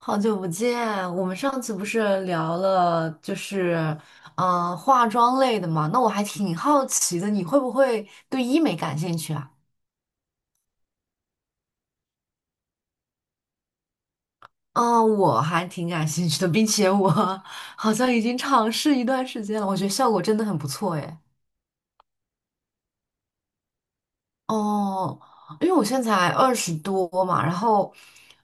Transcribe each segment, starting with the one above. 好久不见，我们上次不是聊了，就是化妆类的嘛？那我还挺好奇的，你会不会对医美感兴趣啊？嗯、我还挺感兴趣的，并且我 好像已经尝试一段时间了，我觉得效果真的很不错诶。哦，因为我现在才20多嘛，然后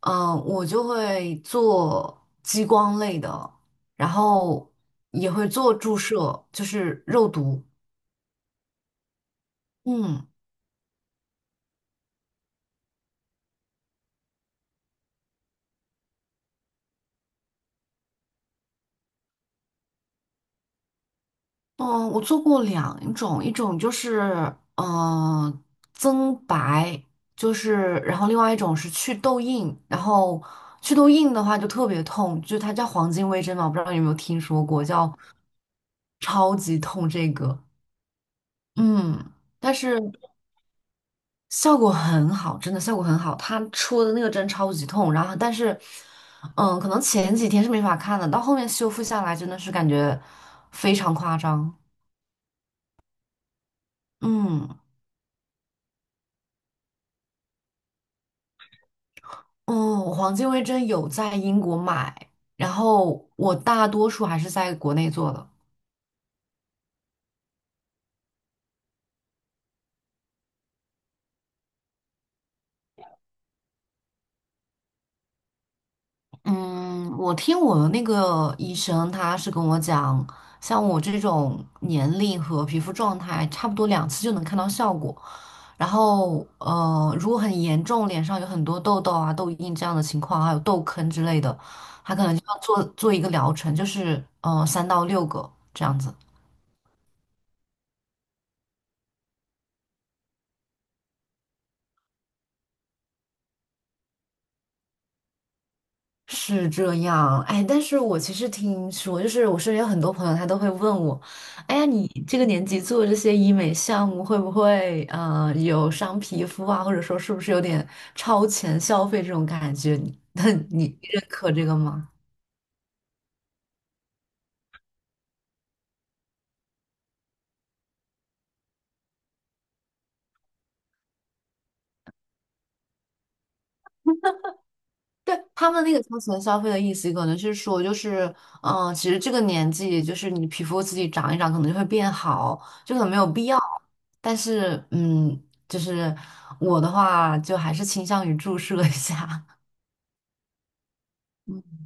我就会做激光类的，然后也会做注射，就是肉毒。嗯。嗯，我做过两种，一种就是嗯、呃增白，就是然后另外一种是去痘印，然后去痘印的话就特别痛，就它叫黄金微针嘛，我不知道你有没有听说过，叫超级痛这个。嗯。但是效果很好，真的效果很好，它戳的那个针超级痛，然后但是可能前几天是没法看的，到后面修复下来真的是感觉非常夸张。嗯。嗯，我黄金微针有在英国买，然后我大多数还是在国内做的。嗯，我听我的那个医生，他是跟我讲，像我这种年龄和皮肤状态，差不多两次就能看到效果。然后，如果很严重，脸上有很多痘痘啊、痘印这样的情况，还有痘坑之类的，他可能就要做做一个疗程，就是3到6个这样子。是这样，哎，但是我其实听说，就是我身边有很多朋友，他都会问我，哎呀，你这个年纪做这些医美项目，会不会有伤皮肤啊，或者说是不是有点超前消费这种感觉？那你认可这个吗？对，他们那个超前消费的意思，可能是说，就是，其实这个年纪，就是你皮肤自己长一长，可能就会变好，就可能没有必要。但是，就是我的话，就还是倾向于注射一下。嗯，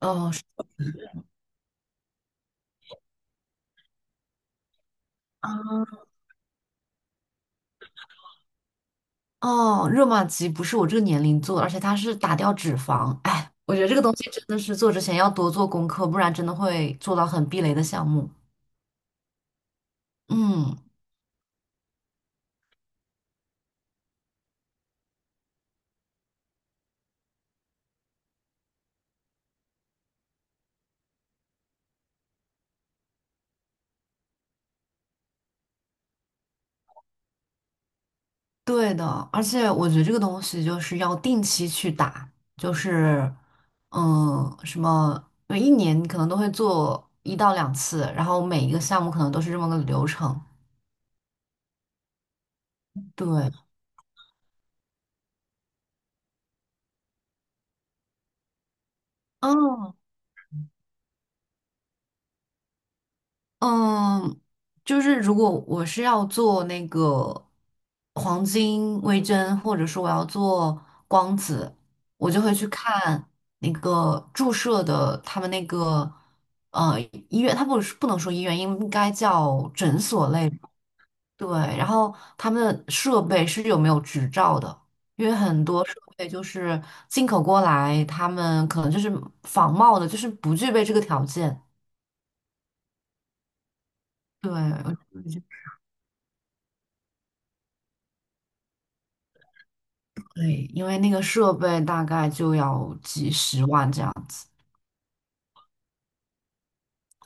哦，是啊，哦，热玛吉不是我这个年龄做的而且它是打掉脂肪。哎，我觉得这个东西真的是做之前要多做功课，不然真的会做到很避雷的项目。嗯。对的，而且我觉得这个东西就是要定期去打，就是，什么，每一年可能都会做1到2次，然后每一个项目可能都是这么个流程。对，嗯，嗯，就是如果我是要做那个黄金微针，或者说我要做光子，我就会去看那个注射的他们那个呃医院，他不是不能说医院，应该叫诊所类。对，然后他们的设备是有没有执照的？因为很多设备就是进口过来，他们可能就是仿冒的，就是不具备这个条件。对，我觉得对，因为那个设备大概就要几十万这样子。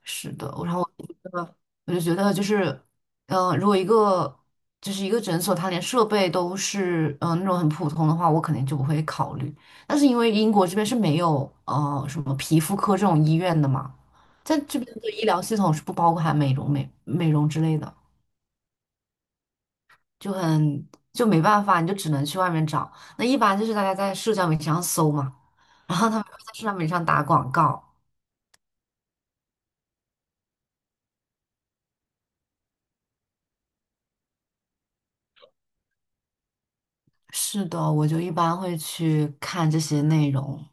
是的，然后我觉得，我就觉得就是，如果一个就是一个诊所，它连设备都是那种很普通的话，我肯定就不会考虑。但是因为英国这边是没有什么皮肤科这种医院的嘛，在这边的医疗系统是不包含美容之类的。就没办法，你就只能去外面找。那一般就是大家在社交媒体上搜嘛，然后他们会在社交媒体上打广告。是的，我就一般会去看这些内容。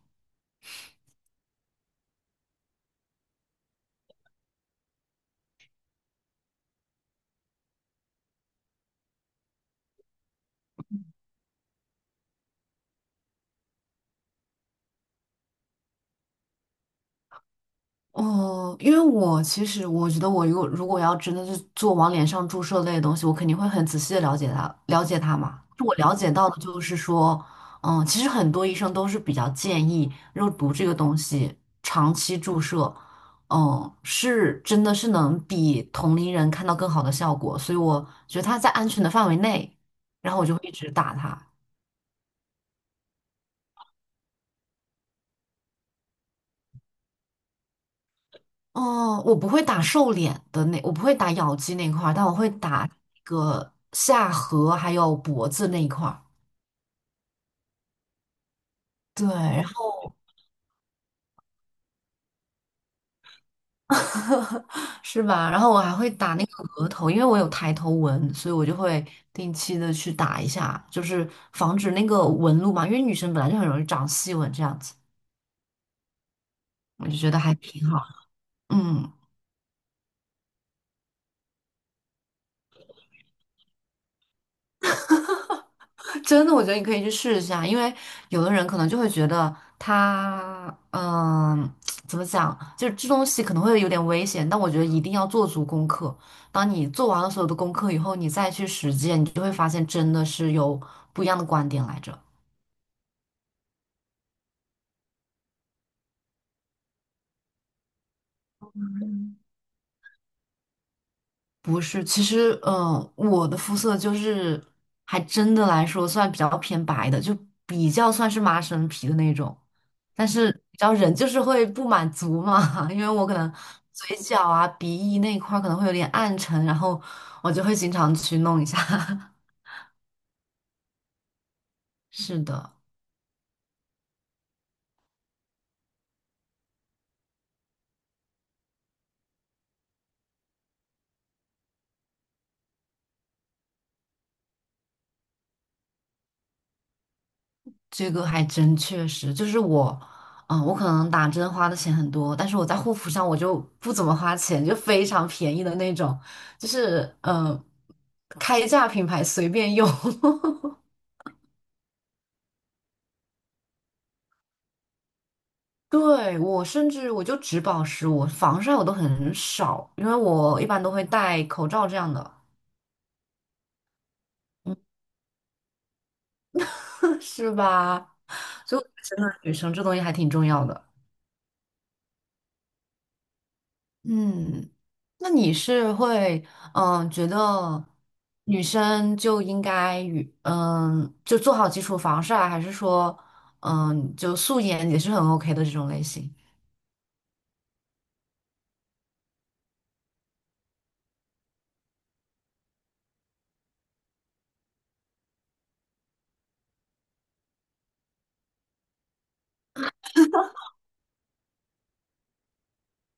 哦，因为我其实我觉得，我如果要真的是做往脸上注射类的东西，我肯定会很仔细的了解它，嘛。我了解到的就是说，其实很多医生都是比较建议肉毒这个东西长期注射，是真的是能比同龄人看到更好的效果，所以我觉得它在安全的范围内，然后我就会一直打它。哦，我不会打咬肌那一块儿，但我会打那个下颌还有脖子那一块儿。对，然后 是吧？然后我还会打那个额头，因为我有抬头纹，所以我就会定期的去打一下，就是防止那个纹路嘛。因为女生本来就很容易长细纹这样子，我就觉得还挺好。嗯。真的，我觉得你可以去试一下，因为有的人可能就会觉得他，怎么讲，就是这东西可能会有点危险，但我觉得一定要做足功课。当你做完了所有的功课以后，你再去实践，你就会发现真的是有不一样的观点来着。不是，其实，我的肤色就是还真的来说算比较偏白的，就比较算是麻生皮的那种。但是，你知道人就是会不满足嘛，因为我可能嘴角啊、鼻翼那一块儿可能会有点暗沉，然后我就会经常去弄一下。是的。这个还真确实，就是我可能打针花的钱很多，但是我在护肤上我就不怎么花钱，就非常便宜的那种，就是开价品牌随便用。对，我甚至我就只保湿，我防晒我都很少，因为我一般都会戴口罩这样的。是吧？所以我觉得真的女生这东西还挺重要的。嗯，那你是会觉得女生就应该与就做好基础防晒，还是说就素颜也是很 OK 的这种类型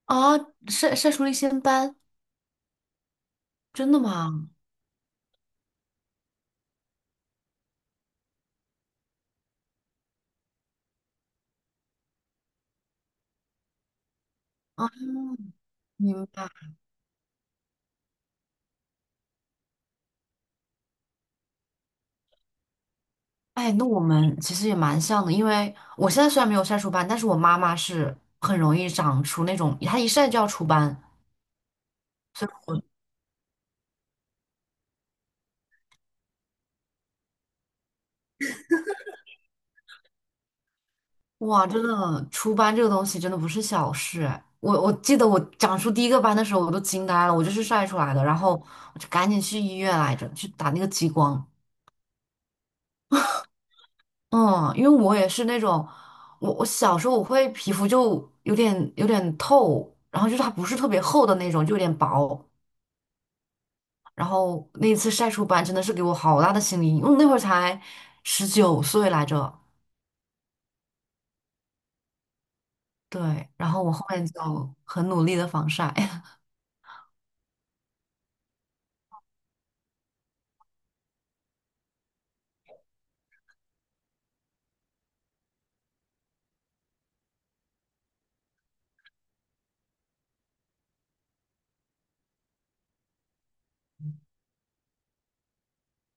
啊？晒出了一些斑，真的吗？啊，明白。哎，那我们其实也蛮像的，因为我现在虽然没有晒出斑，但是我妈妈是很容易长出那种，她一晒就要出斑。哇，真的，出斑这个东西真的不是小事哎。我记得我长出第一个斑的时候，我都惊呆了，我就是晒出来的，然后我就赶紧去医院来着，去打那个激光。嗯，因为我也是那种，我小时候皮肤就有点透，然后就是它不是特别厚的那种，就有点薄。然后那一次晒出斑真的是给我好大的心理阴影，我那会儿才19岁来着，对。然后我后面就很努力的防晒。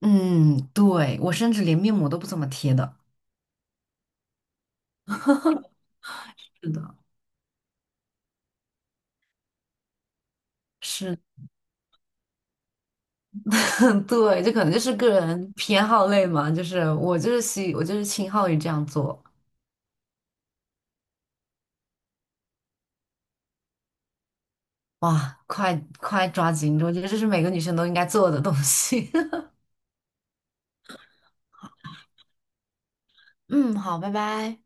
嗯，对，我甚至连面膜都不怎么贴的。是的。是，对，这可能就是个人偏好类嘛，就是我就是倾好于这样做。哇，快快抓紧！我觉得这是每个女生都应该做的东西。嗯，好，拜拜。